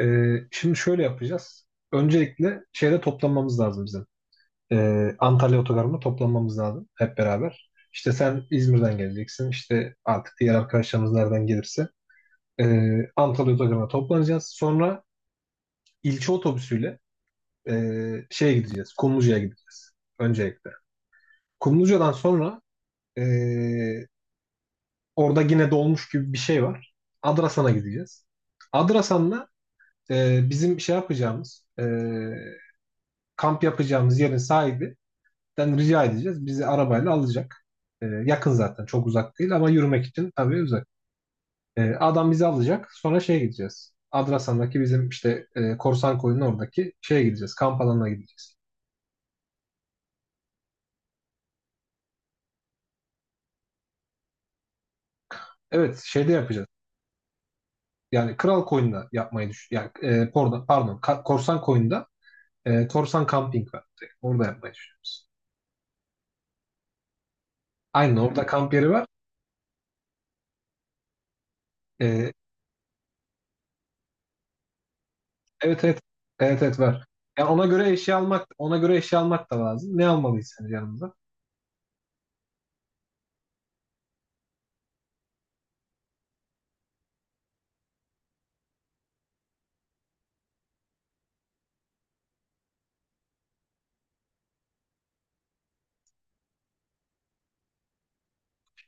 Şimdi şöyle yapacağız. Öncelikle şeyde toplanmamız lazım bizim. Antalya Otogarı'nda toplanmamız lazım hep beraber. İşte sen İzmir'den geleceksin. İşte artık diğer arkadaşlarımız nereden gelirse. Antalya Otogarı'na toplanacağız. Sonra ilçe otobüsüyle şeye gideceğiz. Kumluca'ya gideceğiz. Öncelikle. Kumluca'dan sonra ee, orada yine dolmuş gibi bir şey var. Adrasan'a gideceğiz. Adrasan'la bizim şey yapacağımız kamp yapacağımız yerin sahibinden rica edeceğiz. Bizi arabayla alacak. Yakın zaten, çok uzak değil, ama yürümek için tabii uzak. Adam bizi alacak. Sonra şeye gideceğiz. Adrasan'daki bizim işte Korsan Koyun'un oradaki şeye gideceğiz. Kamp alanına gideceğiz. Evet, şeyde yapacağız. Yani Kral Koyun'da yapmayı düşün. Yani, Korsan Koyun'da Korsan Camping var. Orada yapmayı düşünüyoruz. Aynen, orada kamp yeri var. E, Evet, evet. Evet, evet, var. Yani ona göre eşya almak da lazım. Ne almalıyız sence yanımıza?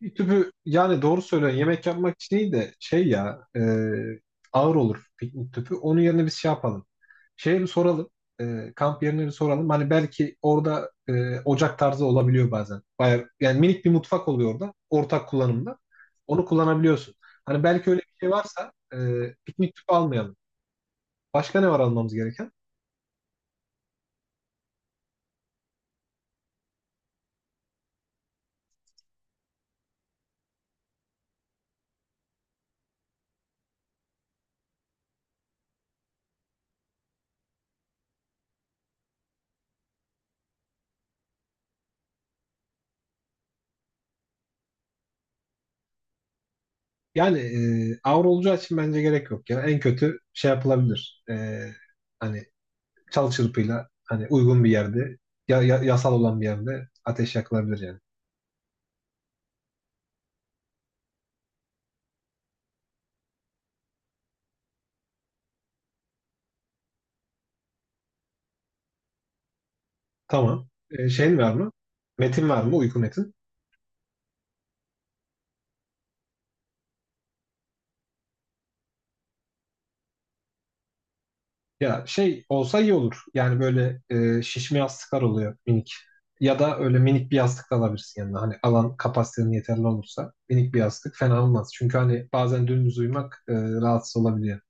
Bir tüpü, yani, doğru söylüyorsun. Yemek yapmak için iyi de, şey ya, ağır olur piknik tüpü. Onun yerine biz şey yapalım. Şeye bir soralım. Kamp yerine bir soralım. Hani belki orada ocak tarzı olabiliyor bazen. Bayağı, yani minik bir mutfak oluyor orada. Ortak kullanımda. Onu kullanabiliyorsun. Hani belki öyle bir şey varsa piknik tüpü almayalım. Başka ne var almamız gereken? Yani avro olacağı için bence gerek yok ya. En kötü şey yapılabilir. Hani çal çırpıyla, hani uygun bir yerde, yasal olan bir yerde ateş yakılabilir yani. Tamam. Şeyin var mı? Metin var mı? Uyku metin. Ya, şey olsa iyi olur. Yani böyle şişme yastıklar oluyor minik. Ya da öyle minik bir yastık da alabilirsin yanına. Hani alan kapasitenin yeterli olursa minik bir yastık fena olmaz. Çünkü hani bazen dümdüz uyumak rahatsız olabiliyor.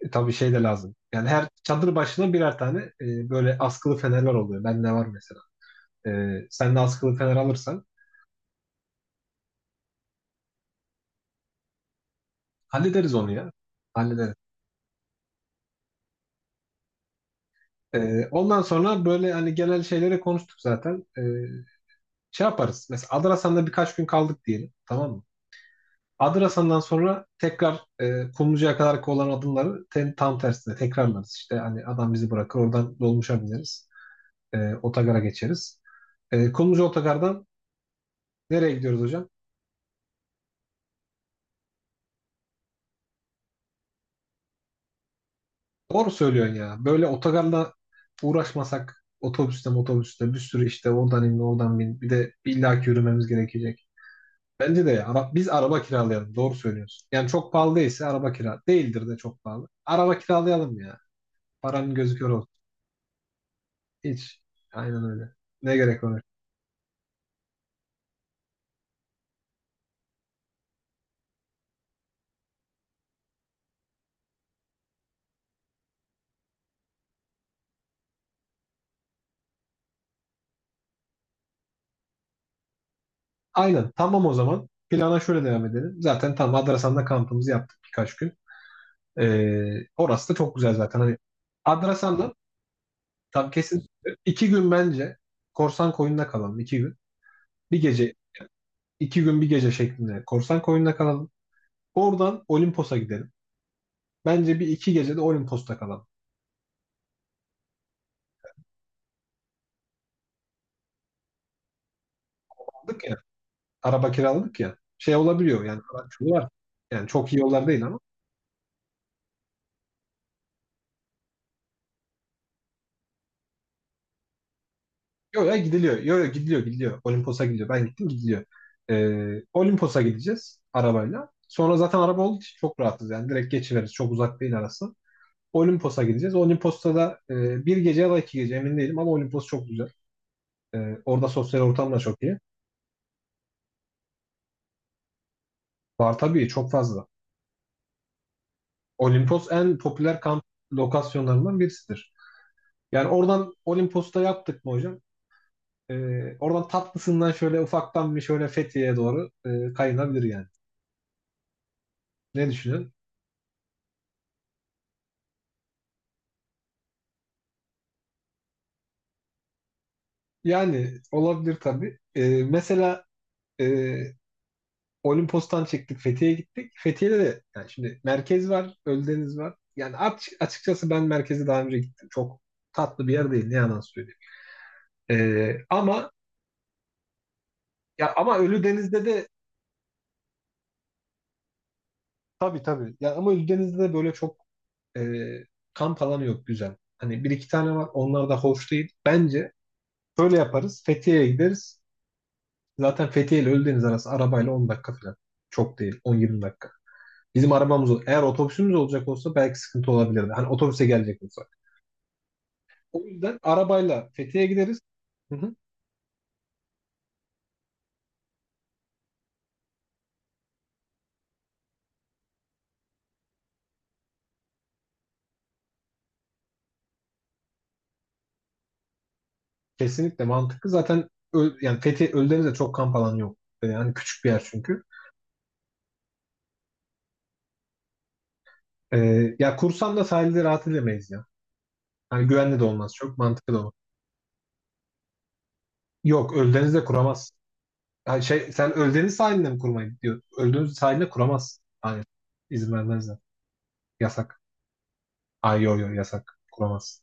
Tabii şey de lazım. Yani her çadır başına birer tane böyle askılı fenerler oluyor. Ben ne var mesela. E, Sen de askılı fener alırsan hallederiz onu ya. Hallederiz. Ondan sonra böyle hani genel şeylere konuştuk zaten. Şey yaparız. Mesela Adrasan'da birkaç gün kaldık diyelim. Tamam mı? Adrasan'dan sonra tekrar Kumluca'ya kadar olan adımları tam tersine tekrarlarız. İşte hani adam bizi bırakır, oradan dolmuşa bineriz. Otogara geçeriz. Kumluca otogardan nereye gidiyoruz hocam? Doğru söylüyorsun ya. Böyle otogarla uğraşmasak, otobüste bir sürü işte, oradan in oradan bin, bir de illaki yürümemiz gerekecek. Bence de ya. Biz araba kiralayalım. Doğru söylüyorsun. Yani çok pahalı değilse. Araba kira değildir de çok pahalı. Araba kiralayalım ya. Paranın gözü kör olsun. Hiç. Aynen öyle. Ne gerek var? Aynen. Tamam, o zaman. Plana şöyle devam edelim. Zaten tam Adrasan'da kampımızı yaptık birkaç gün. Orası da çok güzel zaten. Hani Adrasan'da tam kesin. 2 gün bence korsan koyunda kalalım. 2 gün. Bir gece, 2 gün bir gece şeklinde korsan koyunda kalalım. Oradan Olimpos'a gidelim. Bence bir iki gece de Olimpos'ta kalalım. Aldık ya. Araba kiraladık ya. Şey olabiliyor yani. Araç yolu var. Yani çok iyi yollar değil ama. Yok ya, gidiliyor. Yok, yok, gidiliyor, gidiliyor. Olimpos'a gidiliyor. Ben gittim, gidiliyor. Olimpos'a gideceğiz arabayla. Sonra zaten araba olduğu için çok rahatız yani. Direkt geçiveriz. Çok uzak değil arası. Olimpos'a gideceğiz. Olimpos'ta da bir gece ya da 2 gece, emin değilim, ama Olimpos çok güzel. E, Orada sosyal ortam da çok iyi. Var tabii, çok fazla. Olimpos en popüler kamp lokasyonlarından birisidir. Yani oradan, Olimpos'ta yaptık mı hocam? E, Oradan tatlısından şöyle ufaktan bir şöyle Fethiye'ye doğru kayınabilir yani. Ne düşünüyorsun? Yani olabilir tabii. Mesela e, Olimpos'tan çıktık, Fethiye'ye gittik. Fethiye'de de, yani, şimdi merkez var, Ölüdeniz var. Yani açıkçası ben merkeze daha önce gittim. Çok tatlı bir yer değil, ne yalan söyleyeyim. Ama ya ama Ölüdeniz'de de, tabii, tabii. Ya ama Ölüdeniz'de de böyle çok e, kamp alanı yok güzel. Hani bir iki tane var. Onlar da hoş değil. Bence şöyle yaparız. Fethiye'ye gideriz. Zaten Fethiye ile Ölüdeniz arası arabayla 10 dakika falan. Çok değil. 10-20 dakika. Bizim arabamız eğer otobüsümüz olacak olsa belki sıkıntı olabilirdi. Hani otobüse gelecek olsa. O yüzden arabayla Fethiye'ye gideriz. Hı hı. Kesinlikle mantıklı. Zaten yani Fethiye Ölüdeniz'de çok kamp alanı yok. Yani hani küçük bir yer çünkü. Ya kursam da sahilde rahat edemeyiz ya. Hani güvenli de olmaz. Çok mantıklı da olur. Yok, Ölüdeniz'de kuramaz. Ha, şey, sen Ölüdeniz sahiline mi kurmayı diyor? Ölüdeniz sahiline kuramaz. Hayır. İzin vermezler. Yasak. Ay, yo, yo, yasak. Kuramaz.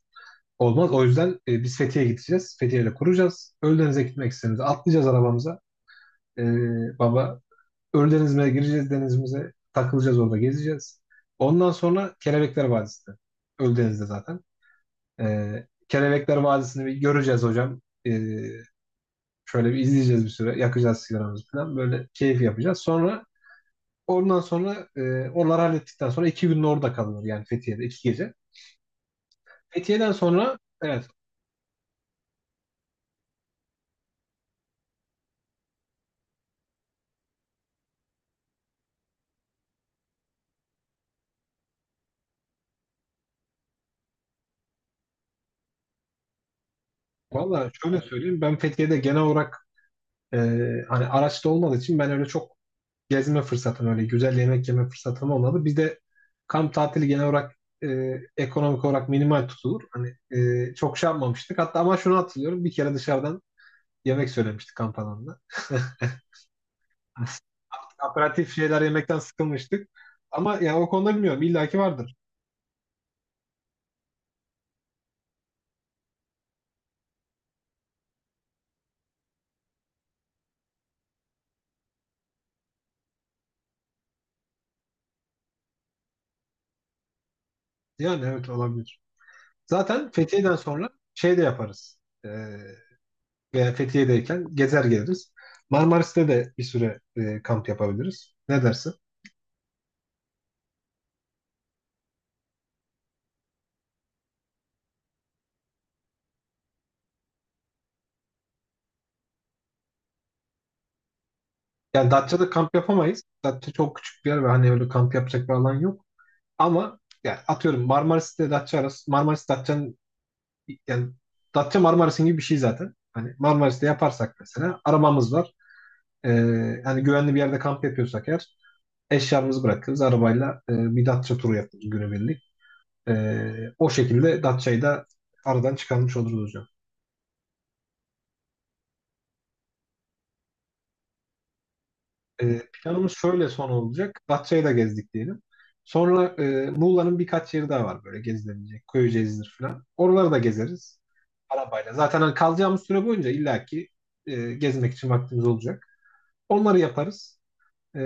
Olmaz. O yüzden biz Fethiye'ye gideceğiz. Fethiye'yle kuracağız. Ölüdeniz'e gitmek istediğimizde atlayacağız arabamıza. Ee, Baba Ölü denizine gireceğiz, denizimize. Takılacağız, orada gezeceğiz. Ondan sonra Kelebekler Vadisi'nde. Ölü denizde zaten. Kelebekler Vadisi'ni bir göreceğiz hocam. Ee, Şöyle bir izleyeceğiz bir süre. Yakacağız sigaramızı falan. Böyle keyif yapacağız. Ondan sonra onları hallettikten sonra 2 gün orada kalınır. Yani Fethiye'de 2 gece. Fethiye'den sonra, evet. Valla şöyle söyleyeyim, ben Fethiye'de genel olarak e, hani araçta olmadığı için ben öyle çok gezme fırsatım, öyle güzel yemek yeme fırsatım olmadı. Bir de kamp tatili genel olarak e, ekonomik olarak minimal tutulur. Hani çok şey yapmamıştık. Hatta, ama şunu hatırlıyorum. Bir kere dışarıdan yemek söylemiştik kamp alanında. Aperatif şeyler yemekten sıkılmıştık. Ama yani o konuda bilmiyorum. İlla ki vardır. Yani, evet, olabilir. Zaten Fethiye'den sonra şey de yaparız. E, Veya Fethiye'deyken gezer geliriz. Marmaris'te de bir süre kamp yapabiliriz. Ne dersin? Yani Datça'da kamp yapamayız. Datça çok küçük bir yer ve hani öyle kamp yapacak bir alan yok. Ama yani, atıyorum, Marmaris ile Datça arası, Marmaris Datça'nın, yani Datça Marmaris'in gibi bir şey zaten. Hani Marmaris'te yaparsak, mesela, arabamız var. Hani güvenli bir yerde kamp yapıyorsak eğer, eşyamızı bırakırız arabayla, bir Datça turu yaparız günübirlik. Ee, O şekilde Datça'yı da aradan çıkarmış oluruz hocam. Planımız şöyle son olacak. Datça'yı da gezdik diyelim. Sonra Muğla'nın birkaç yeri daha var, böyle gezilebilecek. Köyceğiz'dir falan. Oraları da gezeriz arabayla. Zaten hani kalacağımız süre boyunca illaki gezmek için vaktimiz olacak. Onları yaparız. E,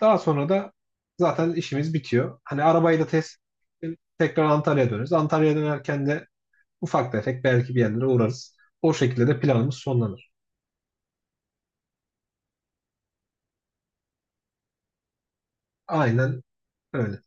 Daha sonra da zaten işimiz bitiyor. Hani arabayı da test, tekrar Antalya'ya döneriz. Antalya'ya dönerken de ufak tefek belki bir yerlere uğrarız. O şekilde de planımız sonlanır. Aynen öyle.